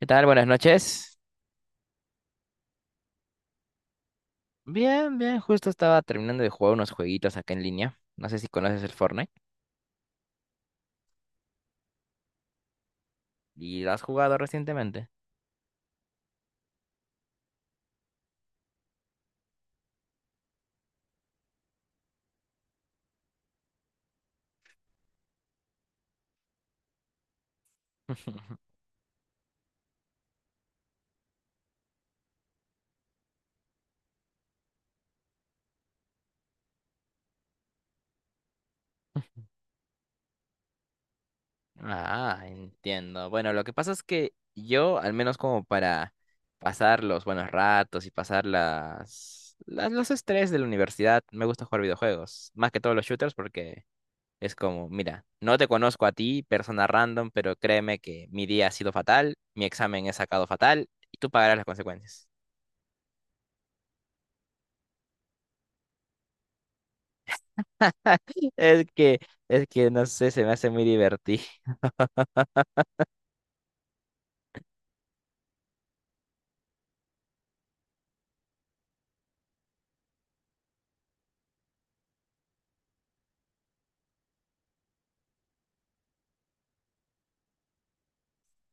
¿Qué tal? Buenas noches. Bien, bien, justo estaba terminando de jugar unos jueguitos acá en línea. No sé si conoces el Fortnite. ¿Y lo has jugado recientemente? Ah, entiendo. Bueno, lo que pasa es que yo, al menos como para pasar los buenos ratos y pasar los estrés de la universidad, me gusta jugar videojuegos. Más que todos los shooters porque es como, mira, no te conozco a ti, persona random, pero créeme que mi día ha sido fatal, mi examen he sacado fatal y tú pagarás las consecuencias. Es que, es que no sé, se me hace muy divertido.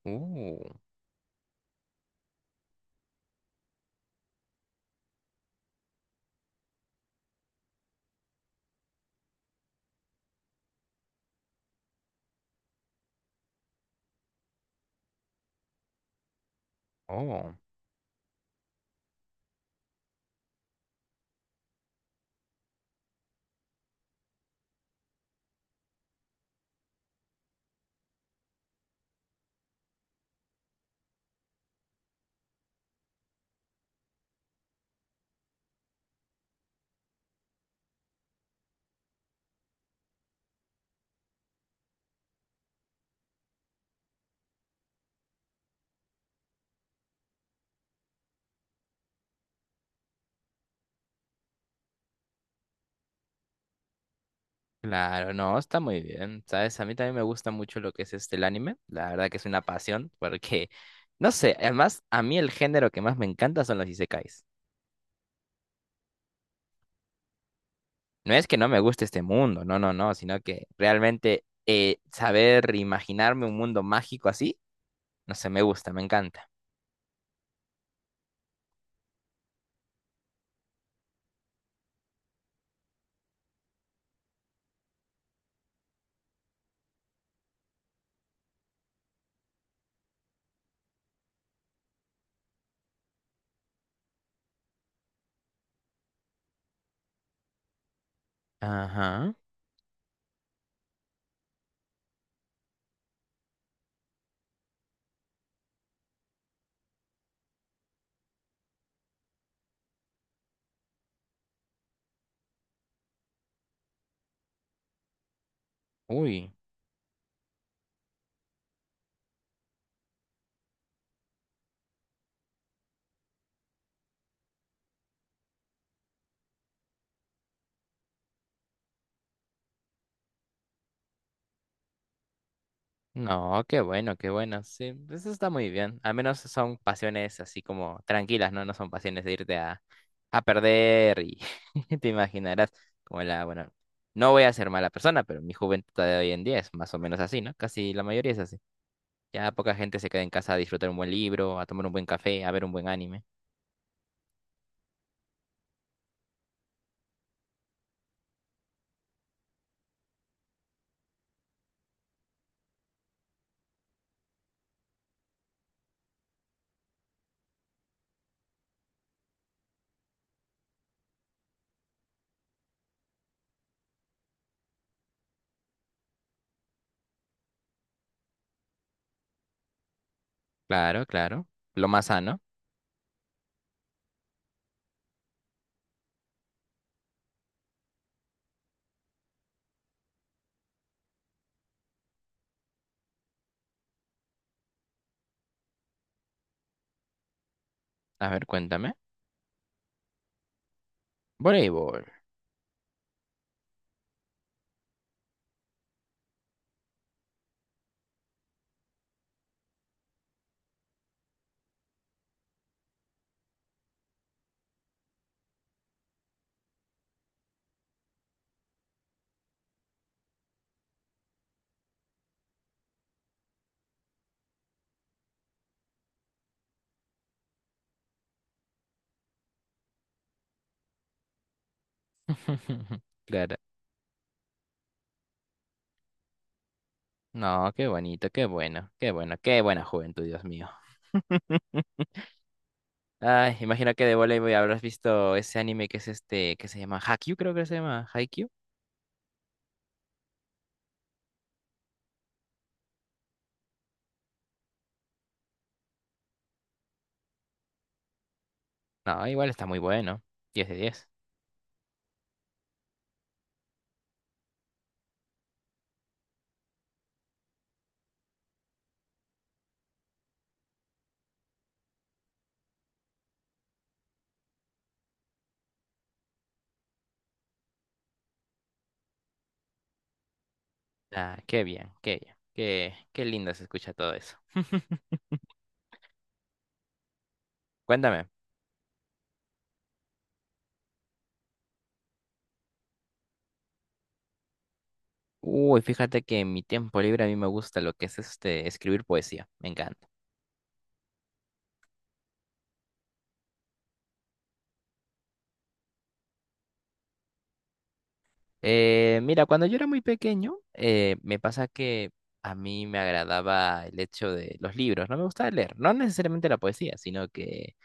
Uh, oh, claro, no, está muy bien, ¿sabes? A mí también me gusta mucho lo que es este el anime, la verdad que es una pasión, porque, no sé, además, a mí el género que más me encanta son los isekais. No es que no me guste este mundo, no, no, no, sino que realmente saber imaginarme un mundo mágico así, no sé, me gusta, me encanta. Ajá, uy. No, qué bueno, qué bueno. Sí, eso está muy bien. Al menos son pasiones así como tranquilas, ¿no? No son pasiones de irte a perder y te imaginarás como la, bueno, no voy a ser mala persona, pero mi juventud de hoy en día es más o menos así, ¿no? Casi la mayoría es así. Ya poca gente se queda en casa a disfrutar un buen libro, a tomar un buen café, a ver un buen anime. Claro, claro. Lo más sano. A ver, cuéntame. Voleibol. Claro. No, qué bonito, qué bueno, qué bueno, qué buena juventud, Dios mío. Ay, imagino que de voleibol habrás visto ese anime que es este, que se llama Haikyuu, creo que se llama Haikyuu. No, igual está muy bueno. Diez de 10. Ah, qué bien, qué bien. Qué, qué lindo se escucha todo eso. Cuéntame. Uy, fíjate que en mi tiempo libre a mí me gusta lo que es este escribir poesía. Me encanta. Mira, cuando yo era muy pequeño, me pasa que a mí me agradaba el hecho de los libros. No me gustaba leer, no necesariamente la poesía, sino que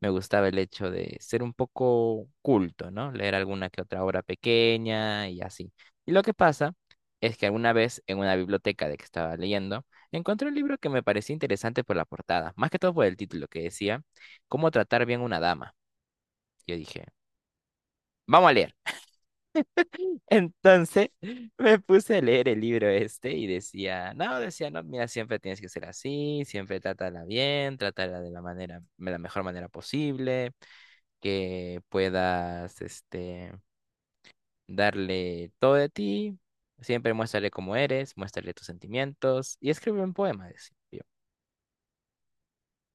me gustaba el hecho de ser un poco culto, ¿no? Leer alguna que otra obra pequeña y así. Y lo que pasa es que alguna vez en una biblioteca de que estaba leyendo, encontré un libro que me parecía interesante por la portada, más que todo por el título que decía, ¿Cómo tratar bien una dama? Yo dije, vamos a leer. Entonces me puse a leer el libro este y decía, no, mira, siempre tienes que ser así, siempre trátala bien, trátala de la manera, de la mejor manera posible. Que puedas este, darle todo de ti. Siempre muéstrale cómo eres, muéstrale tus sentimientos y escribirle un poema, decía yo.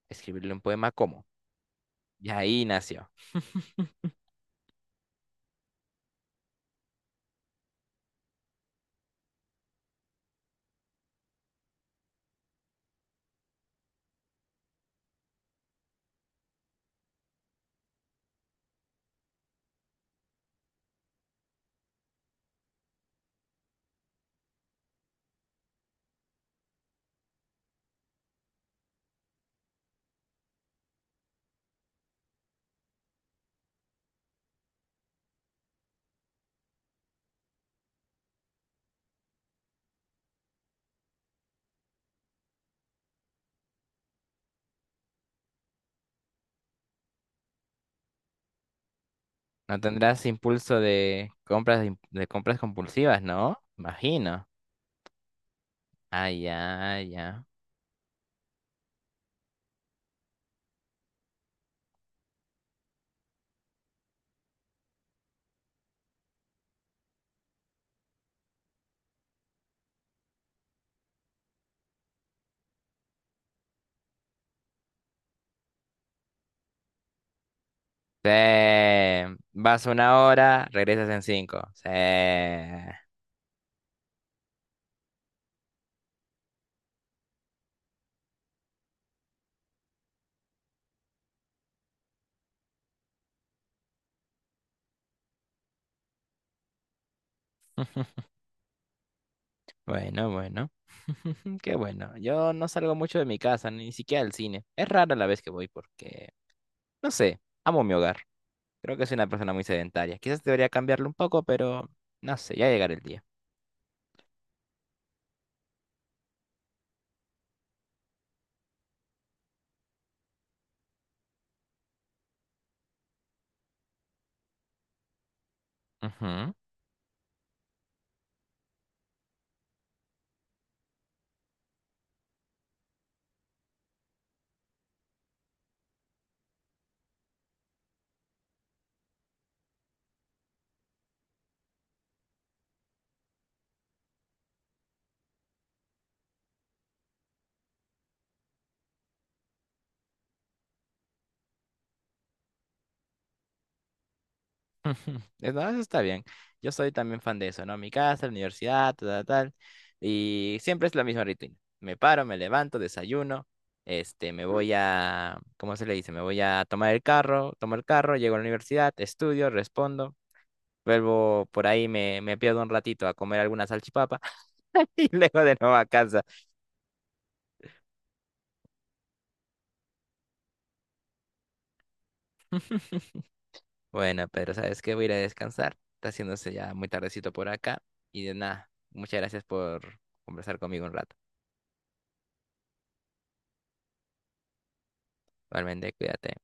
Escribirle un poema cómo. Y ahí nació. No tendrás impulso de compras, im- de compras compulsivas, ¿no? Imagino. Ah, ya, ya. Sí. Vas una hora, regresas en cinco. Sí. Bueno, bueno. Qué bueno. Yo no salgo mucho de mi casa, ni siquiera al cine. Es rara la vez que voy porque no sé, amo mi hogar. Creo que soy una persona muy sedentaria. Quizás debería cambiarlo un poco, pero no sé, ya llegará el día. Ujú. Es- no, eso está bien. Yo soy también fan de eso, ¿no? Mi casa, la universidad, tal, tal, tal. Y siempre es la misma rutina. Me paro, me levanto, desayuno, este, me voy a, ¿cómo se le dice? Me voy a tomar el carro, tomo el carro, llego a la universidad, estudio, respondo, vuelvo por ahí, me pierdo un ratito a comer alguna salchipapa y luego de nuevo a casa. Bueno, pero sabes que voy a ir a descansar. Está haciéndose ya muy tardecito por acá. Y de nada, muchas gracias por conversar conmigo un rato. Igualmente, cuídate.